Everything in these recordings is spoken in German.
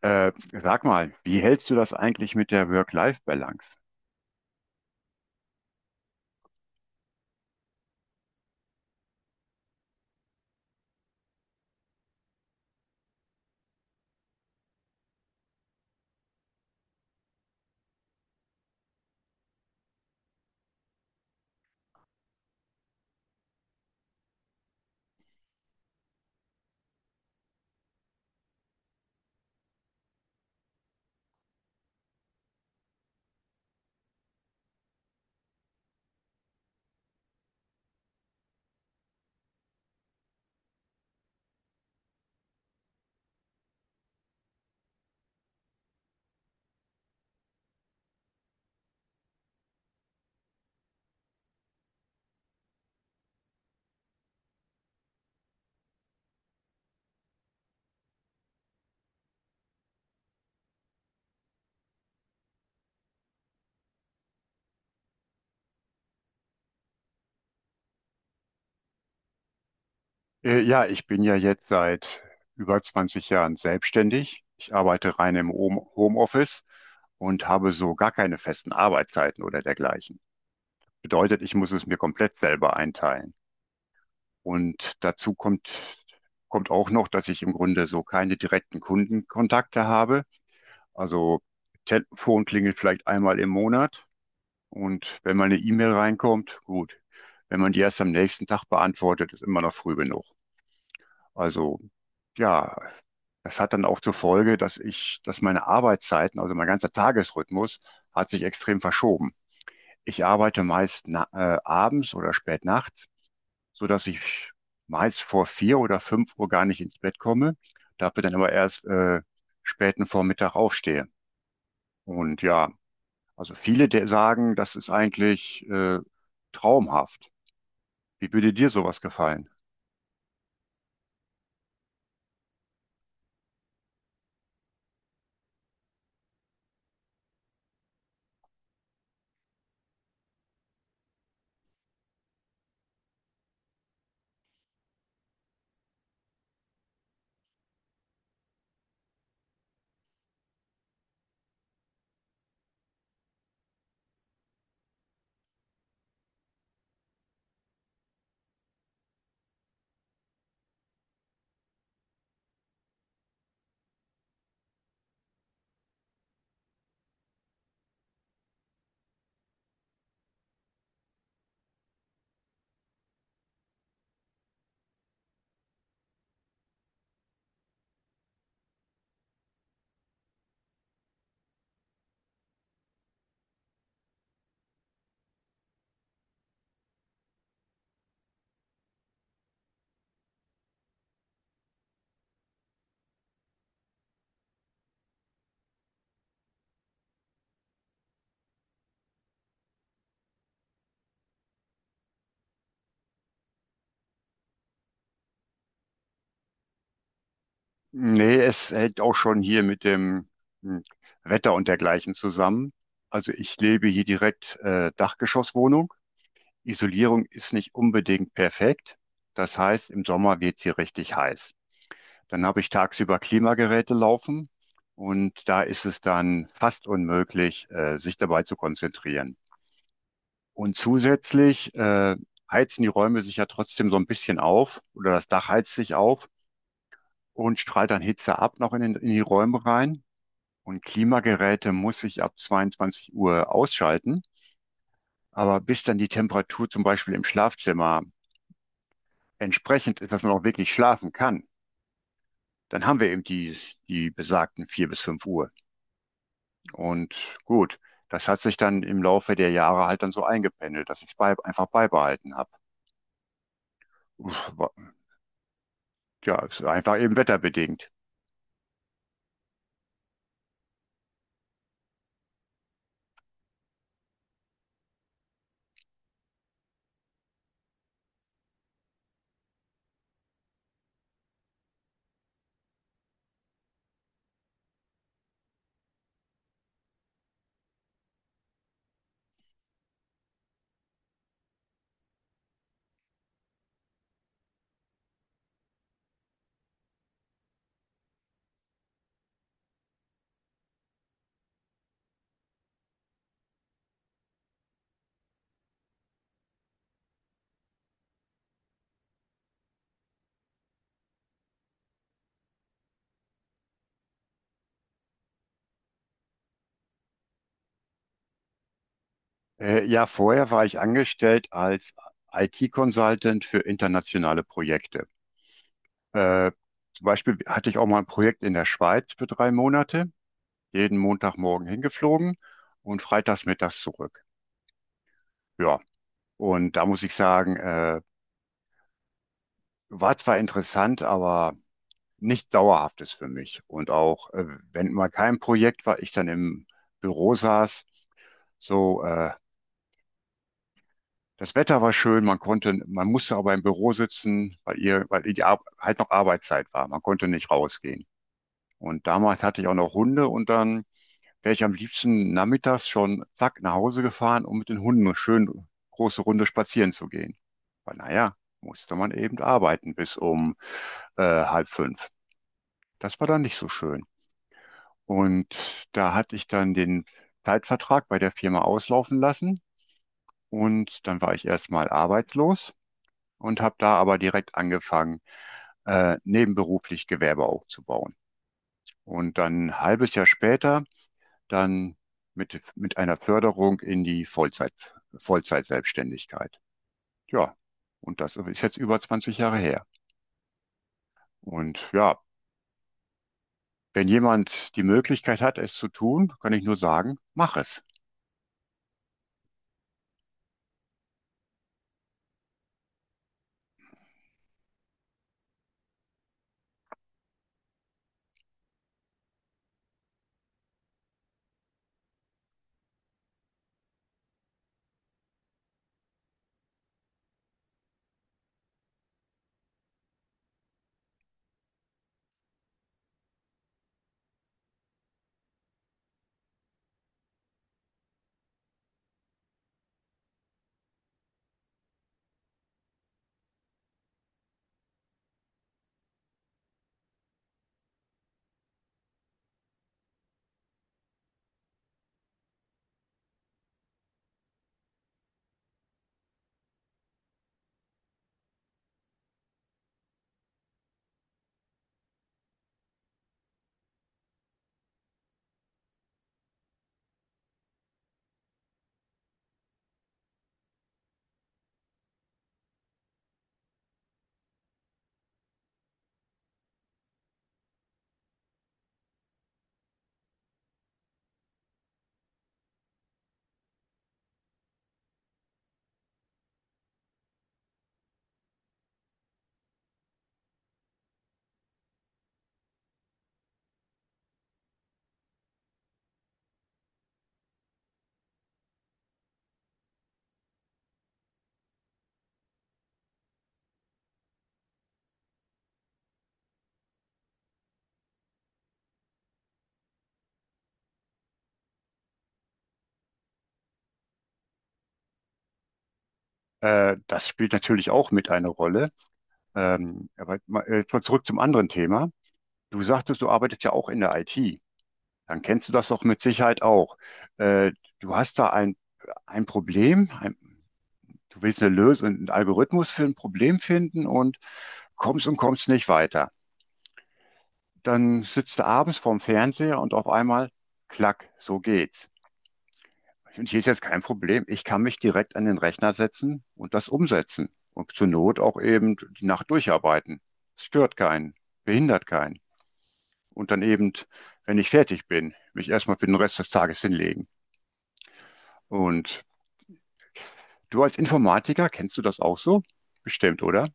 Sag mal, wie hältst du das eigentlich mit der Work-Life-Balance? Ja, ich bin ja jetzt seit über 20 Jahren selbstständig. Ich arbeite rein im Homeoffice und habe so gar keine festen Arbeitszeiten oder dergleichen. Bedeutet, ich muss es mir komplett selber einteilen. Und dazu kommt auch noch, dass ich im Grunde so keine direkten Kundenkontakte habe. Also Telefon klingelt vielleicht einmal im Monat. Und wenn mal eine E-Mail reinkommt, gut. Wenn man die erst am nächsten Tag beantwortet, ist immer noch früh genug. Also ja, das hat dann auch zur Folge, dass meine Arbeitszeiten, also mein ganzer Tagesrhythmus, hat sich extrem verschoben. Ich arbeite meist abends oder spät nachts, sodass ich meist vor 4 oder 5 Uhr gar nicht ins Bett komme, dafür dann aber erst späten Vormittag aufstehe. Und ja, also viele der sagen, das ist eigentlich traumhaft. Wie würde dir sowas gefallen? Nee, es hängt auch schon hier mit dem hm, Wetter und dergleichen zusammen. Also ich lebe hier direkt Dachgeschosswohnung. Isolierung ist nicht unbedingt perfekt. Das heißt, im Sommer wird es hier richtig heiß. Dann habe ich tagsüber Klimageräte laufen und da ist es dann fast unmöglich, sich dabei zu konzentrieren. Und zusätzlich heizen die Räume sich ja trotzdem so ein bisschen auf oder das Dach heizt sich auf. Und strahlt dann Hitze ab noch in die Räume rein. Und Klimageräte muss ich ab 22 Uhr ausschalten. Aber bis dann die Temperatur zum Beispiel im Schlafzimmer entsprechend ist, dass man auch wirklich schlafen kann, dann haben wir eben die besagten 4 bis 5 Uhr. Und gut, das hat sich dann im Laufe der Jahre halt dann so eingependelt, dass ich es einfach beibehalten habe. Uff, wa- Ja, es ist einfach eben wetterbedingt. Ja, vorher war ich angestellt als IT-Consultant für internationale Projekte. Äh, Zum Beispiel hatte ich auch mal ein Projekt in der Schweiz für 3 Monate, jeden Montagmorgen hingeflogen und freitags mittags zurück. Ja, und da muss ich sagen, war zwar interessant, aber nicht dauerhaftes für mich. Und auch, wenn mal kein Projekt war, ich dann im Büro saß, so, äh, das Wetter war schön, man musste aber im Büro sitzen, weil die Ar halt noch Arbeitszeit war. Man konnte nicht rausgehen. Und damals hatte ich auch noch Hunde und dann wäre ich am liebsten nachmittags schon zack nach Hause gefahren, um mit den Hunden eine schön große Runde spazieren zu gehen. Aber naja, musste man eben arbeiten bis um halb fünf. Das war dann nicht so schön. Und da hatte ich dann den Zeitvertrag bei der Firma auslaufen lassen und dann war ich erstmal arbeitslos und habe da aber direkt angefangen, nebenberuflich Gewerbe aufzubauen. Und dann ein halbes Jahr später dann mit einer Förderung in die Vollzeitselbstständigkeit. Ja, und das ist jetzt über 20 Jahre her. Und ja, wenn jemand die Möglichkeit hat, es zu tun, kann ich nur sagen, mach es. Das spielt natürlich auch mit eine Rolle. Aber zurück zum anderen Thema. Du sagtest, du arbeitest ja auch in der IT. Dann kennst du das doch mit Sicherheit auch. Äh, Du hast da ein Problem, du willst eine Lösung, einen Algorithmus für ein Problem finden und kommst nicht weiter. Dann sitzt du abends vorm Fernseher und auf einmal, klack, so geht's. Und hier ist jetzt kein Problem. Ich kann mich direkt an den Rechner setzen und das umsetzen. Und zur Not auch eben die Nacht durcharbeiten. Es stört keinen, behindert keinen. Und dann eben, wenn ich fertig bin, mich erstmal für den Rest des Tages hinlegen. Und du als Informatiker, kennst du das auch so? Bestimmt, oder?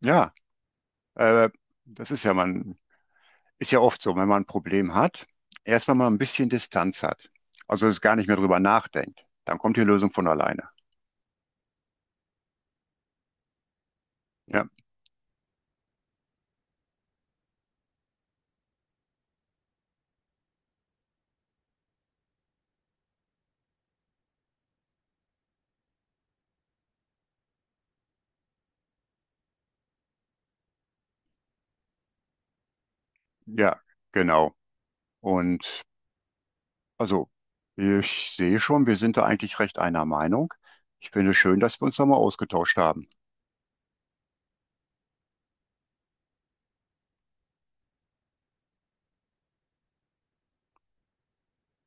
Ja, äh, das ist ja mal ein ist ja oft so, wenn man ein Problem hat, erstmal mal ein bisschen Distanz hat. Also es gar nicht mehr drüber nachdenkt. Dann kommt die Lösung von alleine. Ja, ja, genau. Und also ich sehe schon, wir sind da eigentlich recht einer Meinung. Ich finde es schön, dass wir uns nochmal ausgetauscht haben.